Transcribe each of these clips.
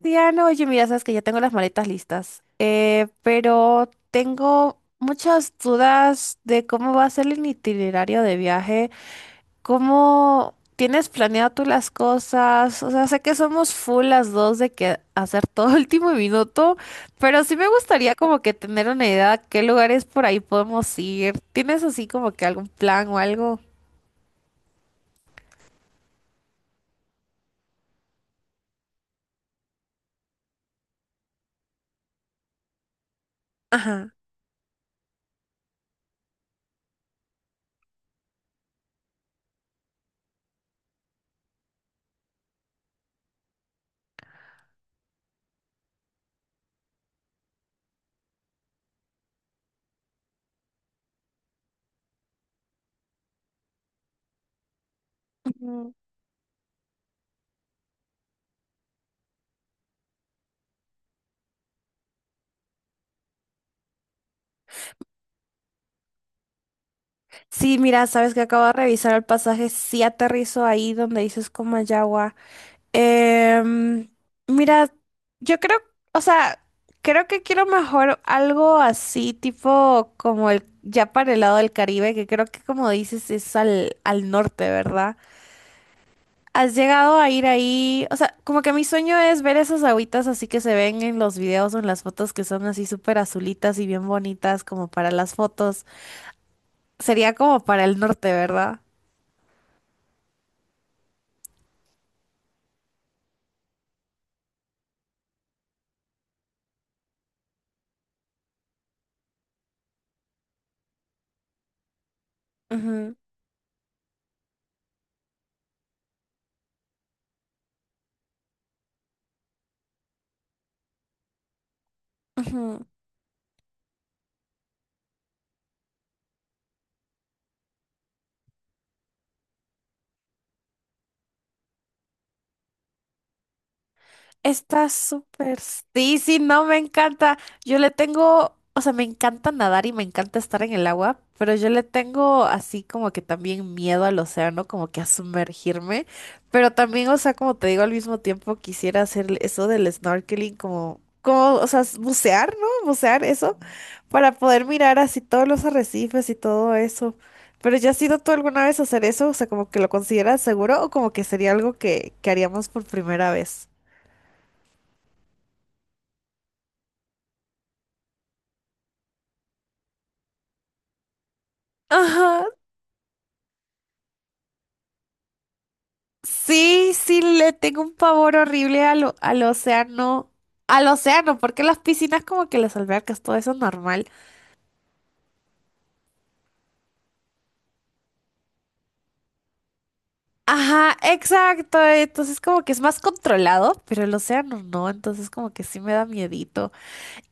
Diana, oye, mira, sabes que ya tengo las maletas listas, pero tengo muchas dudas de cómo va a ser el itinerario de viaje, cómo tienes planeado tú las cosas, o sea, sé que somos full las dos de que hacer todo último minuto, pero sí me gustaría como que tener una idea de qué lugares por ahí podemos ir. ¿Tienes así como que algún plan o algo? Ajá. Ujú. Sí, mira, sabes que acabo de revisar el pasaje, sí aterrizo ahí donde dices Comayagua. Em, mira, yo creo, o sea, creo que quiero mejor algo así, tipo como el ya para el lado del Caribe, que creo que como dices es al norte, ¿verdad? ¿Has llegado a ir ahí? O sea, como que mi sueño es ver esas agüitas así que se ven en los videos o en las fotos que son así súper azulitas y bien bonitas como para las fotos. Sería como para el norte, ¿verdad? Ujú, ujú. Está súper. Sí, sí, no, me encanta. Yo le tengo, o sea, me encanta nadar y me encanta estar en el agua, pero yo le tengo así como que también miedo al océano, como que a sumergirme. Pero también, o sea, como te digo, al mismo tiempo quisiera hacer eso del snorkeling, o sea, bucear, ¿no? Bucear eso, para poder mirar así todos los arrecifes y todo eso. Pero ¿ya has ido tú alguna vez a hacer eso? O sea, como que lo consideras seguro o como que sería algo que haríamos por primera vez. Ajá, sí, sí, le tengo un pavor horrible al océano. Al océano, porque las piscinas como que las albercas, todo eso es normal. Ajá, exacto. Entonces como que es más controlado, pero el océano no, entonces como que sí me da miedito.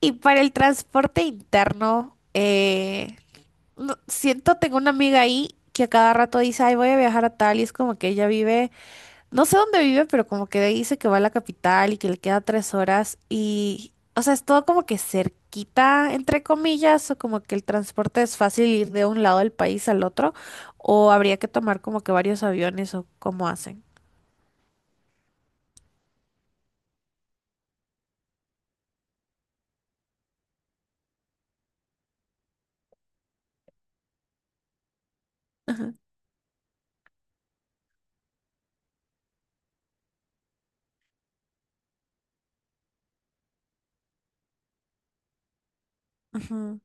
Y para el transporte interno, siento, tengo una amiga ahí que a cada rato dice, ay, voy a viajar a tal, y es como que ella vive. No sé dónde vive, pero como que dice que va a la capital y que le queda 3 horas y, o sea, es todo como que cerquita, entre comillas, o como que el transporte es fácil ir de un lado del país al otro, o habría que tomar como que varios aviones o cómo hacen. Ajá, ajá,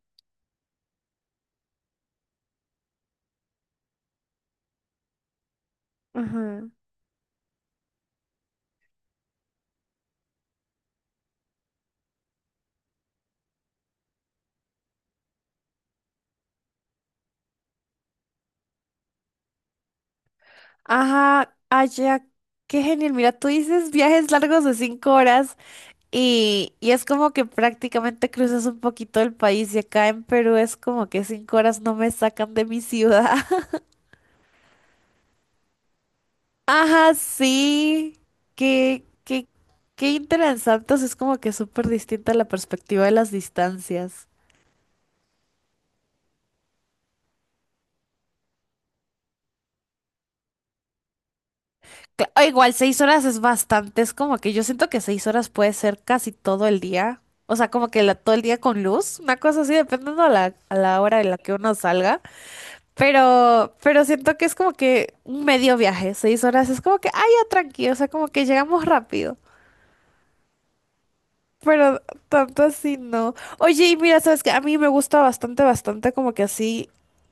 ajá. Ajá, allá, qué genial. Mira, tú dices viajes largos de 5 horas y es como que prácticamente cruzas un poquito el país y acá en Perú es como que 5 horas no me sacan de mi ciudad. Ajá, sí. Qué, qué, qué interesantes. Es como que súper distinta la perspectiva de las distancias. Cla- o igual, 6 horas es bastante. Es como que yo siento que 6 horas puede ser casi todo el día. O sea, como que la, todo el día con luz. Una cosa así, dependiendo a a la hora en la que uno salga. Pero siento que es como que un medio viaje. Seis horas es como que, ay, ya tranquilo. O sea, como que llegamos rápido. Pero tanto así no. Oye, y mira, sabes que a mí me gusta bastante, bastante como que así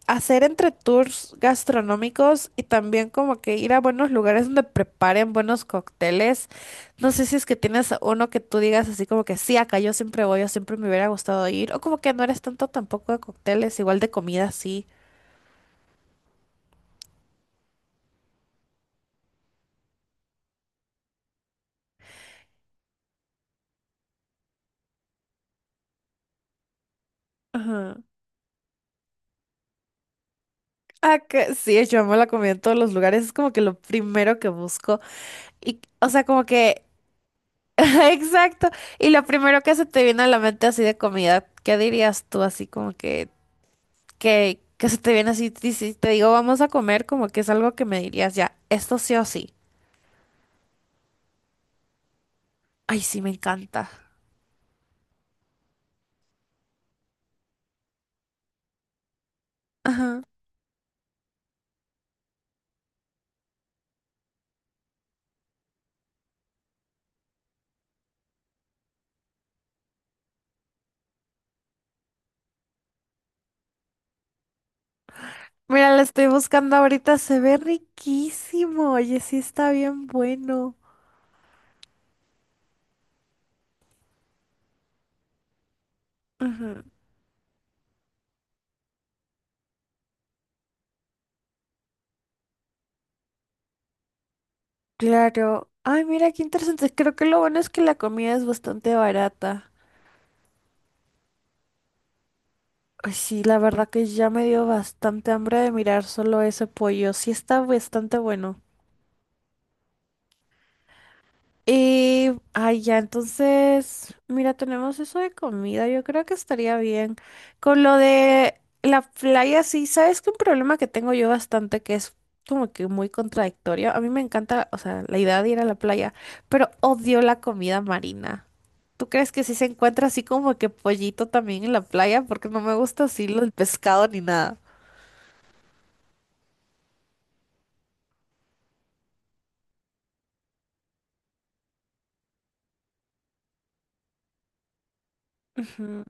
hacer entre tours gastronómicos y también como que ir a buenos lugares donde preparen buenos cócteles. No sé si es que tienes uno que tú digas así como que sí, acá yo siempre voy, yo siempre me hubiera gustado ir. O como que no eres tanto tampoco de cócteles, igual de comida sí. Ajá. Ah, que sí, yo amo la comida en todos los lugares, es como que lo primero que busco. Y, o sea, como que exacto. Y lo primero que se te viene a la mente así de comida, ¿qué dirías tú así como que, que se te viene así, y si te digo vamos a comer, como que es algo que me dirías ya, esto sí o sí. Ay, sí, me encanta. Ajá. Mira, la estoy buscando ahorita, se ve riquísimo. Oye, sí está bien bueno. Ujú. Claro. Ay, mira, qué interesante. Creo que lo bueno es que la comida es bastante barata. Ay, sí, la verdad que ya me dio bastante hambre de mirar solo ese pollo. Sí está bastante bueno. Y, ay, ya, entonces, mira, tenemos eso de comida. Yo creo que estaría bien. Con lo de la playa, sí, sabes que un problema que tengo yo bastante, que es como que muy contradictorio. A mí me encanta, o sea, la idea de ir a la playa, pero odio la comida marina. ¿Tú crees que si se encuentra así como que pollito también en la playa? Porque no me gusta así lo del pescado ni nada. Ujú.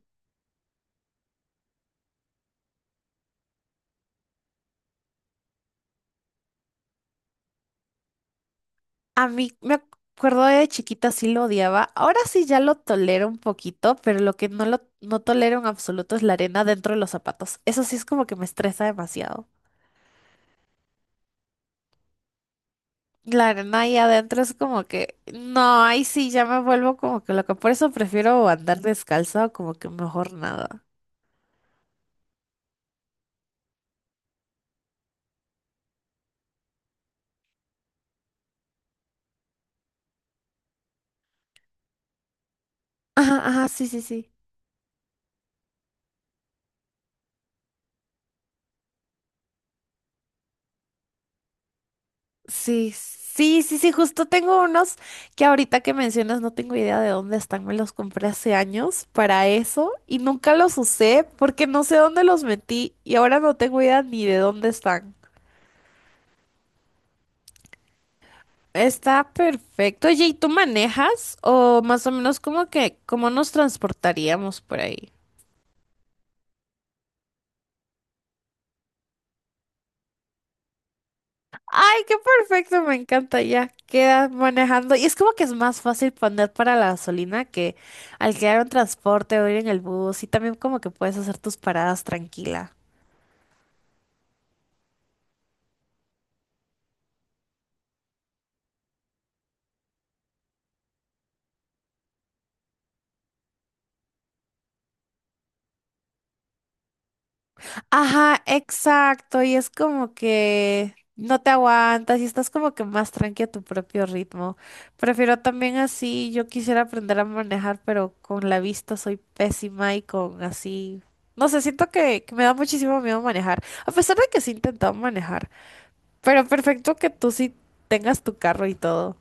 A mí me acuerdo de chiquita sí lo odiaba. Ahora sí ya lo tolero un poquito, pero lo que no tolero en absoluto es la arena dentro de los zapatos. Eso sí es como que me estresa demasiado. La arena ahí adentro es como que no, ahí sí ya me vuelvo como que loca. Por eso prefiero andar descalza o como que mejor nada. Ajá, ajá, sí, sí, sí. Sí, sí, sí, sí, justo tengo unos que ahorita que mencionas no tengo idea de dónde están, me los compré hace años para eso y nunca los usé porque no sé dónde los metí y ahora no tengo idea ni de dónde están. Está perfecto. Oye, ¿y tú manejas o más o menos como que cómo nos transportaríamos por ahí? Ay, qué perfecto, me encanta ya. Quedas manejando. Y es como que es más fácil poner para la gasolina que alquilar un transporte o ir en el bus. Y también como que puedes hacer tus paradas tranquila. Ajá, exacto. Y es como que no te aguantas y estás como que más tranqui a tu propio ritmo. Prefiero también así. Yo quisiera aprender a manejar, pero con la vista soy pésima y con así. No sé, siento que me da muchísimo miedo manejar. A pesar de que sí he intentado manejar. Pero perfecto que tú sí tengas tu carro y todo.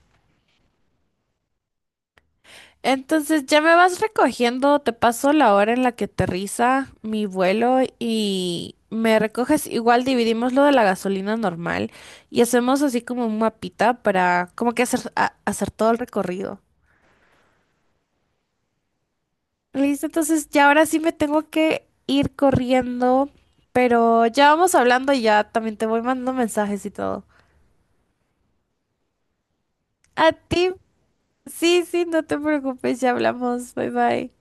Entonces ya me vas recogiendo, te paso la hora en la que aterriza mi vuelo y me recoges. Igual dividimos lo de la gasolina normal y hacemos así como un mapita para como que hacer, hacer todo el recorrido. Listo, entonces ya ahora sí me tengo que ir corriendo, pero ya vamos hablando y ya también te voy mandando mensajes y todo. A ti, sí, sí, no te preocupes, ya hablamos, bye bye.